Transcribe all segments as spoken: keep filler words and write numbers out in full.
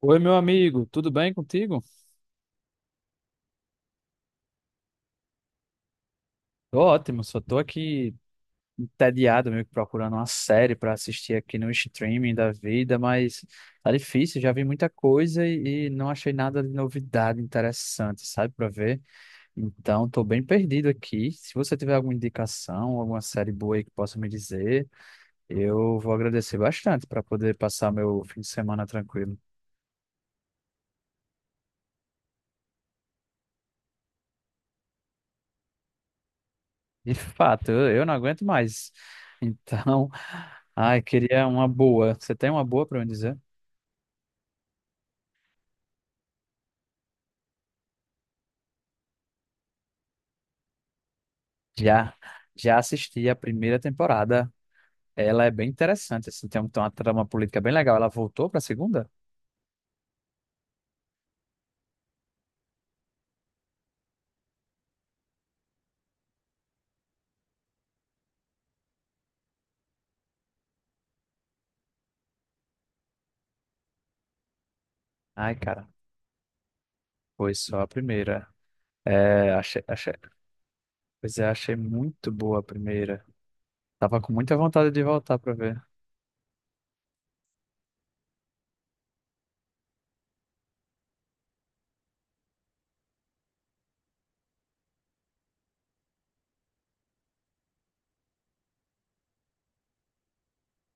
Oi, meu amigo, tudo bem contigo? Tô ótimo, só tô aqui entediado, meio que procurando uma série pra assistir aqui no streaming da vida, mas tá difícil, já vi muita coisa e, e não achei nada de novidade interessante, sabe, pra ver. Então, tô bem perdido aqui. Se você tiver alguma indicação, alguma série boa aí que possa me dizer, eu vou agradecer bastante pra poder passar meu fim de semana tranquilo. De fato, eu, eu não aguento mais. Então, ai, queria uma boa. Você tem uma boa para me dizer? Já, já assisti a primeira temporada. Ela é bem interessante, assim, tem um- tem uma trama política bem legal. Ela voltou para a segunda? Ai, cara, foi só a primeira. É, achei, achei, pois é, achei muito boa a primeira. Tava com muita vontade de voltar para ver.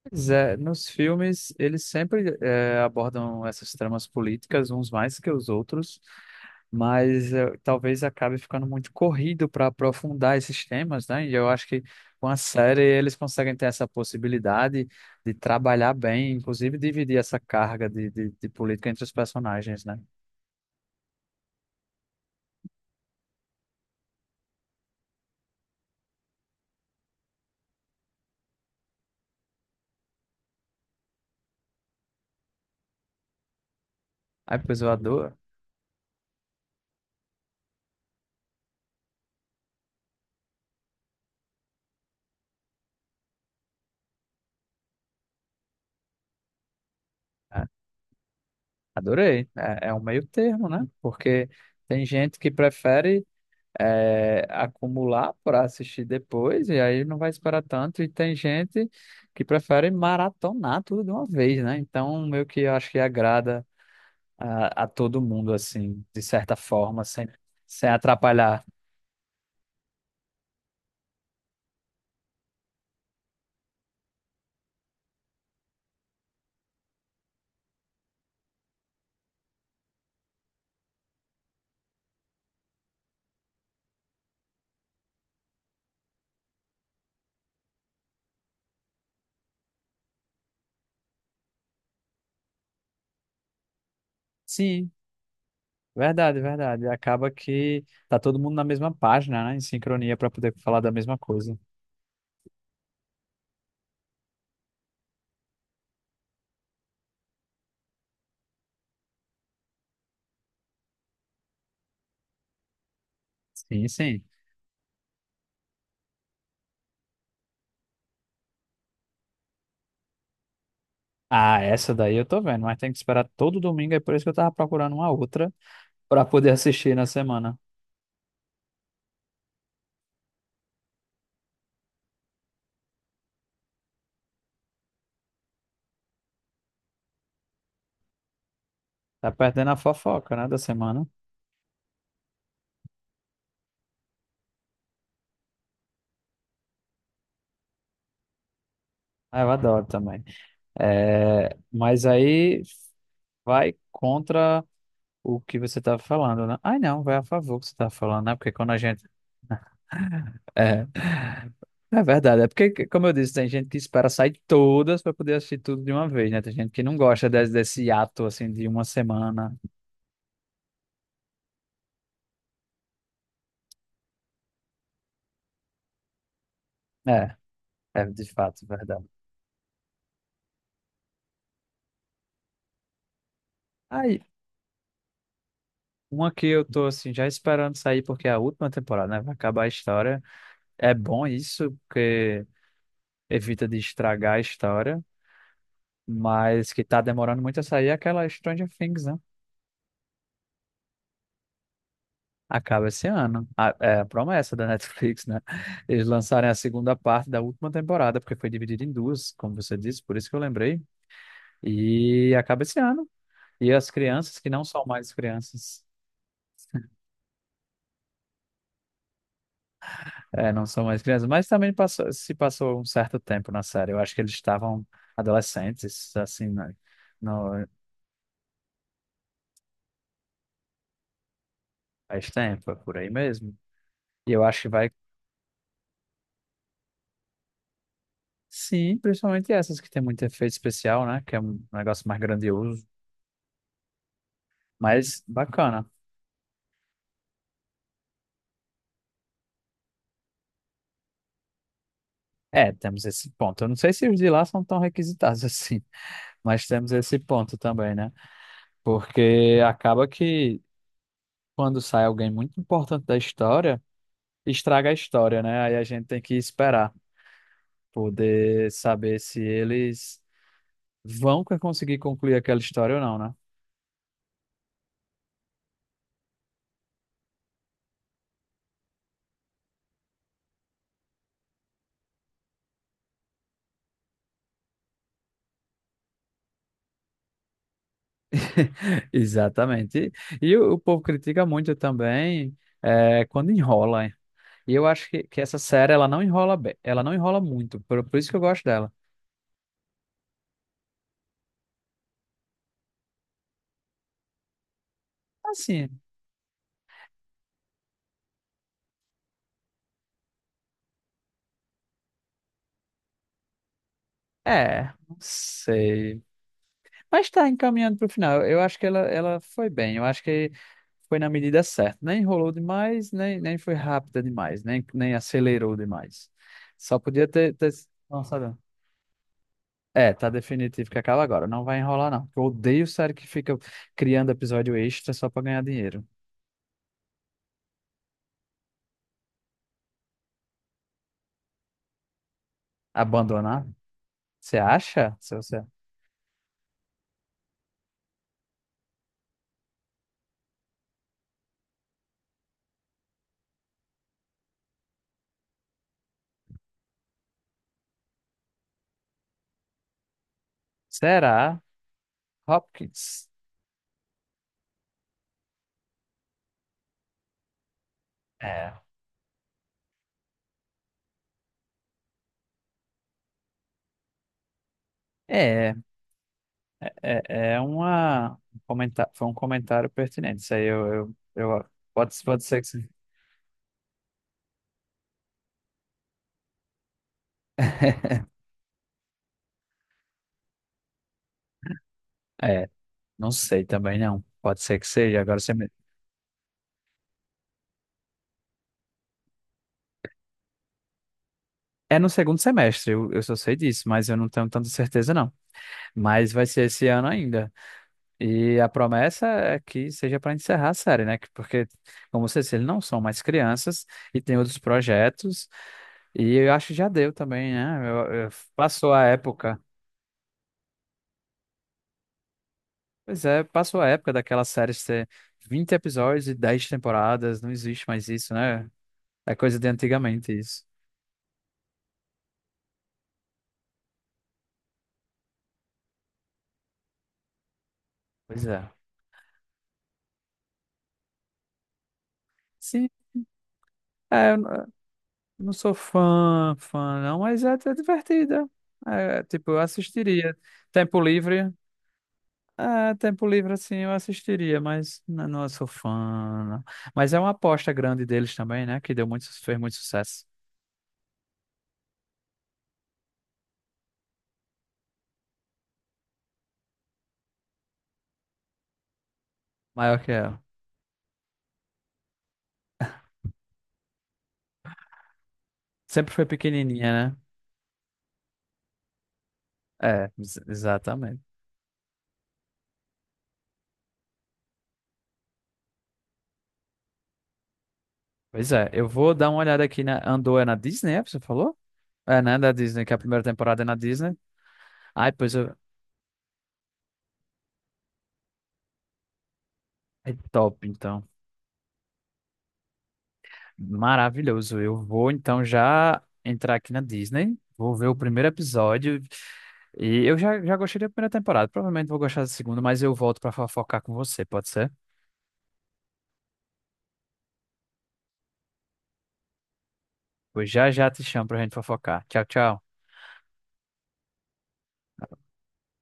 Pois é, nos filmes eles sempre é, abordam essas tramas políticas, uns mais que os outros, mas eh, talvez acabe ficando muito corrido para aprofundar esses temas, né? E eu acho que com a série eles conseguem ter essa possibilidade de trabalhar bem, inclusive dividir essa carga de, de, de política entre os personagens, né? Ai, pois eu adoro, é, adorei. É, é um meio termo, né? Porque tem gente que prefere eh, acumular para assistir depois e aí não vai esperar tanto, e tem gente que prefere maratonar tudo de uma vez, né? Então, meio que eu acho que agrada a, a todo mundo, assim, de certa forma, sem, sem atrapalhar. Sim, verdade, verdade. Acaba que tá todo mundo na mesma página, né? Em sincronia para poder falar da mesma coisa. Sim, sim. Ah, essa daí eu tô vendo, mas tem que esperar todo domingo, é por isso que eu tava procurando uma outra para poder assistir na semana. Tá perdendo a fofoca, né, da semana. Ah, eu adoro também. É, mas aí vai contra o que você tava falando, né? Ai, não, vai a favor do que você tava falando, né? Porque quando a gente é, é verdade, é porque, como eu disse, tem gente que espera sair todas para poder assistir tudo de uma vez, né? Tem gente que não gosta desse, desse ato, assim, de uma semana. É, é de fato, é verdade. Aí, uma que eu tô, assim, já esperando sair, porque é a última temporada, né? Vai acabar a história. É bom isso, porque evita de estragar a história, mas que tá demorando muito a sair é aquela Stranger Things, né? Acaba esse ano. A- é a promessa da Netflix, né? Eles lançarem a segunda parte da última temporada, porque foi dividida em duas, como você disse, por isso que eu lembrei. E acaba esse ano. E as crianças, que não são mais crianças, é, não são mais crianças, mas também passou- se passou um certo tempo na série. Eu acho que eles estavam adolescentes, assim, né? No, faz tempo, é por aí mesmo. E eu acho que vai. Sim, principalmente essas que tem muito efeito especial, né? Que é um negócio mais grandioso. Mas bacana. É, temos esse ponto. Eu não sei se os de lá são tão requisitados assim, mas temos esse ponto também, né? Porque acaba que quando sai alguém muito importante da história, estraga a história, né? Aí a gente tem que esperar, poder saber se eles vão conseguir concluir aquela história ou não, né? Exatamente. E, e o, o povo critica muito também é, quando enrola, hein? E eu acho que, que essa série ela não enrola bem, ela não enrola muito, por, por isso que eu gosto dela. Assim. É, não sei. Mas tá encaminhando pro final. Eu acho que ela, ela foi bem. Eu acho que foi na medida certa. Nem enrolou demais, nem, nem foi rápida demais, nem, nem acelerou demais. Só podia ter, ter lançado. É, tá definitivo que acaba agora. Não vai enrolar, não. Eu odeio série que fica criando episódio extra só pra ganhar dinheiro. Abandonar? Você acha? Se você... Será? Hopkins? É. É. É, é uma um comenta- foi um comentário pertinente. Isso aí eu, eu, eu- pode, pode ser que sim. É, não sei também não. Pode ser que seja. Agora você me- é no segundo semestre, eu, eu só sei disso, mas eu não tenho tanta certeza não. Mas vai ser esse ano ainda. E a promessa é que seja para encerrar a série, né? Que- Porque, como você disse, eles não são mais crianças e tem outros projetos. E eu acho que já deu também, né? Eu- eu- passou a época. Pois é, passou a época daquela série de ter vinte episódios e dez temporadas, não existe mais isso, né? É coisa de antigamente isso. Pois é. Sim, é, eu n- não sou fã, fã não, mas é, é divertida. É, tipo, eu assistiria. Tempo livre, é, tempo livre assim eu assistiria, mas n- não, sou fã, não. Mas é uma aposta grande deles também, né? Que deu muito, su- fez muito sucesso. Maior que ela. Sempre foi pequenininha, né? É, ex- exatamente. Pois é, eu vou dar uma olhada aqui na Andor. É na Disney, é? Você falou? É, né? Da Disney, que é a primeira temporada é na Disney. Ai, pois eu... é top, então. Maravilhoso. Eu vou então já entrar aqui na Disney, vou ver o primeiro episódio. E eu já, já gostei da primeira temporada. Provavelmente vou gostar da segunda, mas eu volto pra fofocar com você, pode ser? Pois já já te chamo pra gente fofocar. Tchau, tchau.